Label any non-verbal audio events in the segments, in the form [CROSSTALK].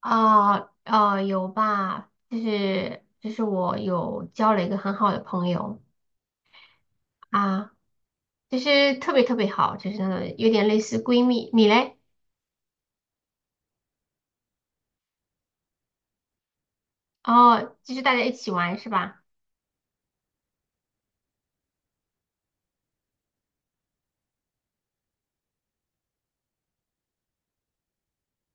有吧，就是我有交了一个很好的朋友啊，就是特别特别好，就是那种有点类似闺蜜。你嘞？哦，就是大家一起玩是吧？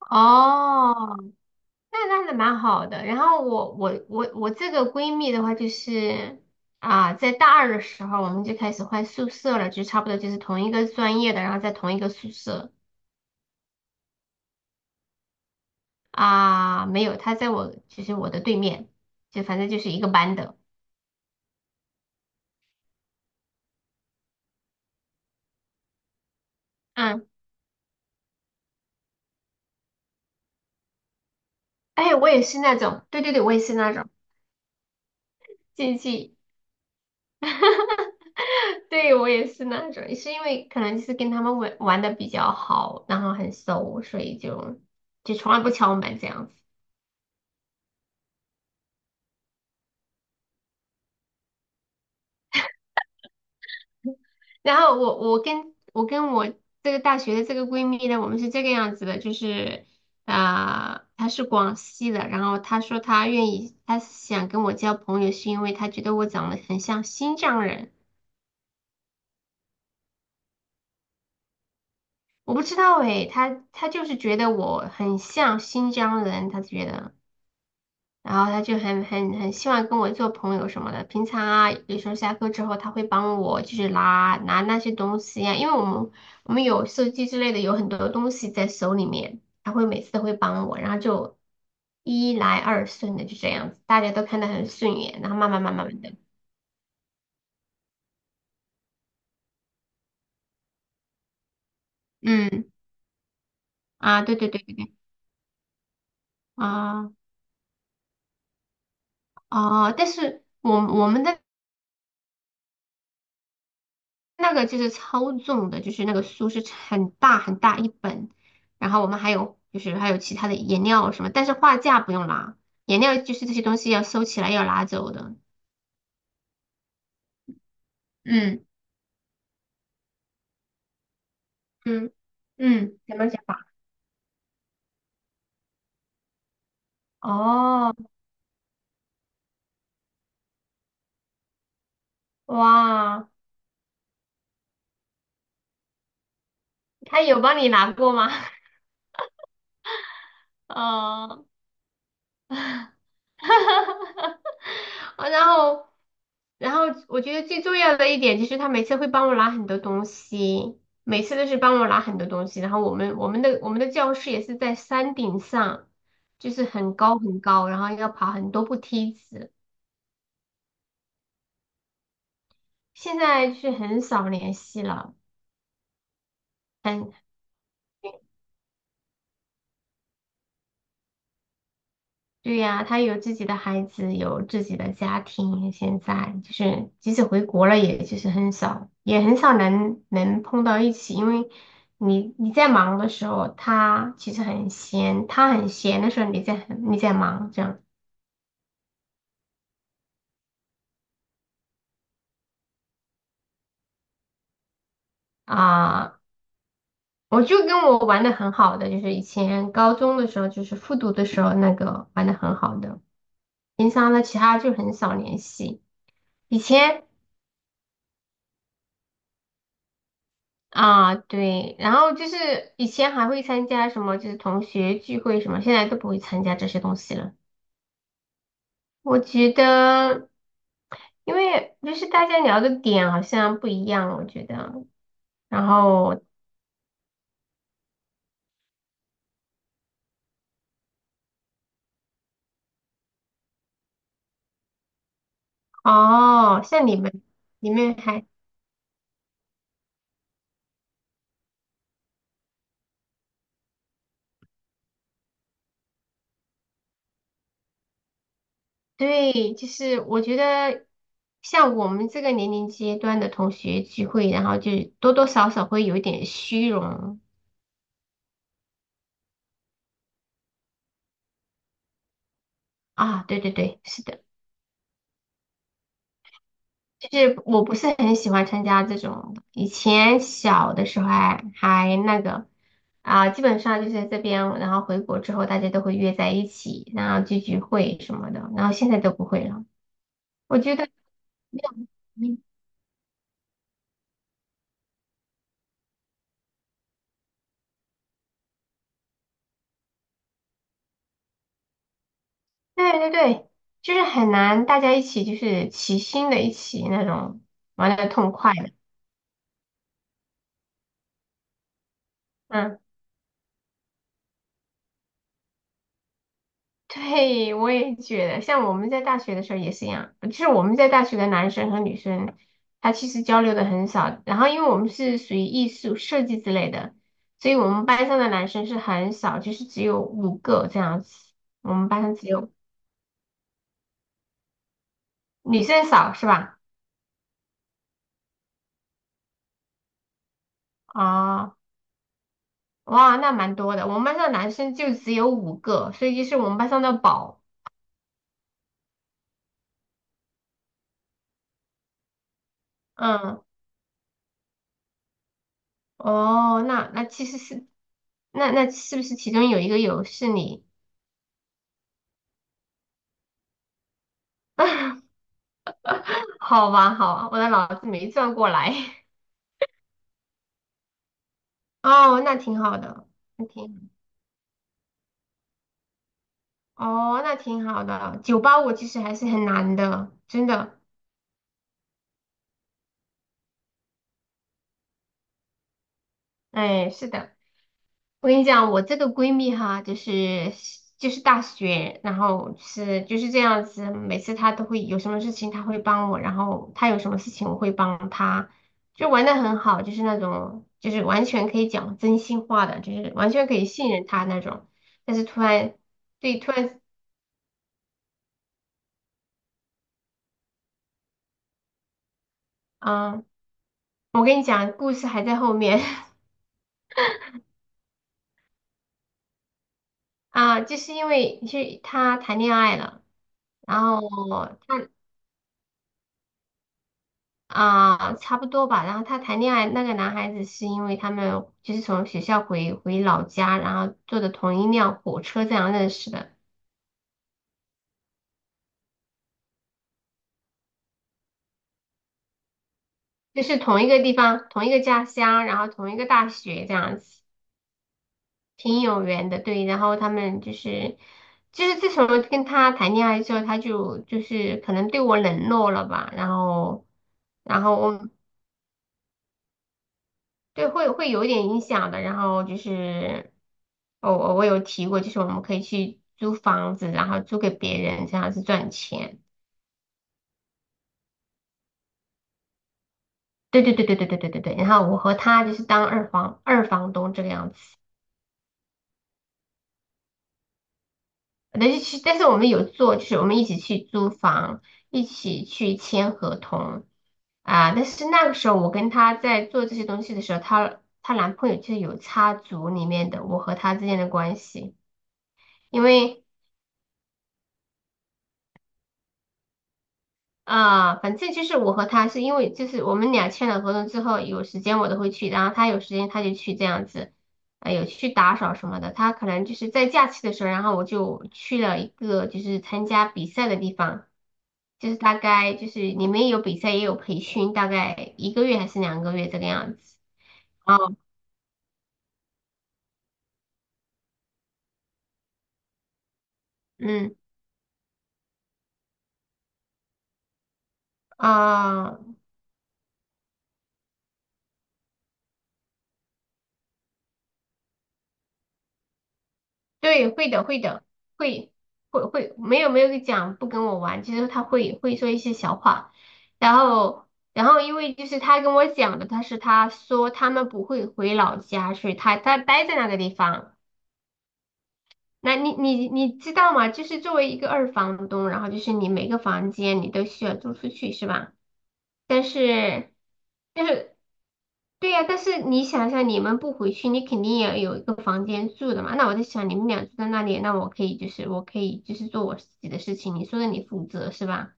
哦，那那还蛮好的。然后我这个闺蜜的话，就是在大二的时候我们就开始换宿舍了，就差不多就是同一个专业的，然后在同一个宿舍啊，没有，她在我就是我的对面，就反正就是一个班的。嗯。哎，我也是那种，对对对，我也是那种竞技，[LAUGHS] 对我也是那种，是因为可能就是跟他们玩玩的比较好，然后很熟，所以就从来不敲门这样子。然后我跟我这个大学的这个闺蜜呢，我们是这个样子的，就是她是广西的，然后她说她愿意，她想跟我交朋友，是因为她觉得我长得很像新疆人。我不知道诶，他就是觉得我很像新疆人，他觉得，然后他就很希望跟我做朋友什么的。平常啊，有时候下课之后，他会帮我就是拿那些东西呀、因为我们有手机之类的，有很多东西在手里面，他每次都会帮我，然后就一来二顺的就这样子，大家都看得很顺眼，然后慢慢的，嗯啊，对对对对对啊啊，但是我我们的。那个就是超重的，就是那个书是很大很大一本，然后我们还有就是还有其他的颜料什么，但是画架不用拿，颜料就是这些东西要收起来要拿走的。嗯嗯嗯，怎么讲法？哦，哇，他有帮你拿过吗？[LAUGHS] 哦，[LAUGHS] 然后。然后我觉得最重要的一点就是他每次会帮我拿很多东西，每次都是帮我拿很多东西。然后我们的教室也是在山顶上，就是很高很高，然后要爬很多步梯子。现在就是很少联系了。很。对呀，他有自己的孩子，有自己的家庭，现在就是即使回国了，也就是很少，也很少能碰到一起，因为你在忙的时候，他其实很闲，他很闲的时候，你在忙，这样啊，我就跟我玩的很好的，就是以前高中的时候，就是复读的时候那个玩的很好的，平常呢其他就很少联系，以前。啊，对，然后就是以前还会参加什么，就是同学聚会什么，现在都不会参加这些东西了。我觉得，因为就是大家聊的点好像不一样，我觉得。然后哦，像你们，你们还对，就是我觉得像我们这个年龄阶段的同学聚会，然后就多多少少会有一点虚荣啊。对对对，是的。就是我不是很喜欢参加这种的以前小的时候还那个基本上就是这边，然后回国之后大家都会约在一起，然后聚聚会什么的，然后现在都不会了。我觉得没有对对对，就是很难大家一起就是齐心的一起那种玩的痛快的，嗯。对，我也觉得，像我们在大学的时候也是一样，就是我们在大学的男生和女生，他其实交流的很少。然后，因为我们是属于艺术设计之类的，所以我们班上的男生是很少，就是只有五个这样子。我们班上只有女生少是吧？啊、哇，那蛮多的。我们班上的男生就只有五个，所以就是我们班上的宝。嗯，哦，那那其实是，那那是不是其中有一个有是你？[LAUGHS] 好吧，好吧，我的脑子没转过来。[LAUGHS] 哦，那挺好的，那挺，哦，那挺好的。九八五其实还是很难的，真的。哎，是的，我跟你讲，我这个闺蜜哈，就是就是大学，然后是就是这样子，每次她都会有什么事情，她会帮我，然后她有什么事情，我会帮她，就玩的很好，就是那种就是完全可以讲真心话的，就是完全可以信任她那种。但是突然，对，突然。嗯，我跟你讲，故事还在后面 [LAUGHS] 啊，就是因为去他谈恋爱了，然后他啊差不多吧，然后他谈恋爱那个男孩子是因为他们就是从学校回老家，然后坐的同一辆火车这样认识的，就是同一个地方、同一个家乡，然后同一个大学这样子，挺有缘的，对，然后他们就是。就是自从跟他谈恋爱之后，他就是可能对我冷落了吧，然后，然后我对，会有一点影响的。然后就是，哦，我我有提过，就是我们可以去租房子，然后租给别人，这样子赚钱。对对对对对对对对对。然后我和他就是当二房东这个样子。但是去，但是我们有做，就是我们一起去租房，一起去签合同啊。但是那个时候我跟他在做这些东西的时候，她男朋友就是有插足里面的我和他之间的关系。因为，反正就是我和他是因为就是我们俩签了合同之后，有时间我都会去，然后他有时间他就去这样子，哎，有去打扫什么的。他可能就是在假期的时候，然后我就去了一个就是参加比赛的地方，就是大概就是里面有比赛也有培训，大概一个月还是两个月这个样子。哦，嗯，啊、对，会的，会的，会会，没有没有讲不跟我玩，就是他会说一些小话，然后然后因为就是他跟我讲的，他是他说他们不会回老家，所以他待在那个地方。那你知道吗？就是作为一个二房东，然后就是你每个房间你都需要租出去，是吧？但是，但是,对呀、但是你想想，你们不回去，你肯定也有一个房间住的嘛。那我在想，你们俩住在那里，那我可以就是做我自己的事情，你说的你负责是吧？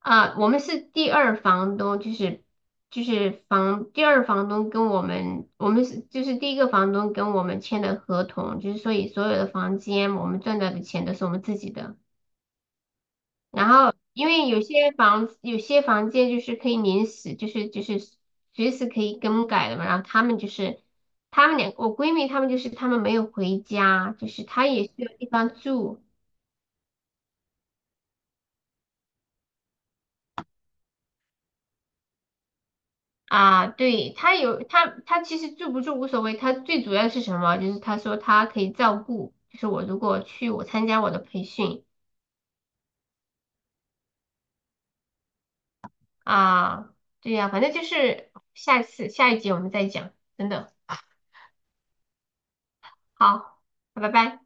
啊，我们是第二房东，就是就是房第二房东跟我们，就是第一个房东跟我们签的合同，就是所以所有的房间我们赚到的钱都是我们自己的。然后，因为有些房子有些房间就是可以临时，就是随时可以更改的嘛。然后他们就是他们两我闺蜜他们就是他们没有回家，就是她也需要地方住啊。对，她有她她其实住不住无所谓，她最主要是什么？就是她说她可以照顾，就是我如果去我参加我的培训啊，对呀、反正就是下一次下一集我们再讲，真的好，拜拜。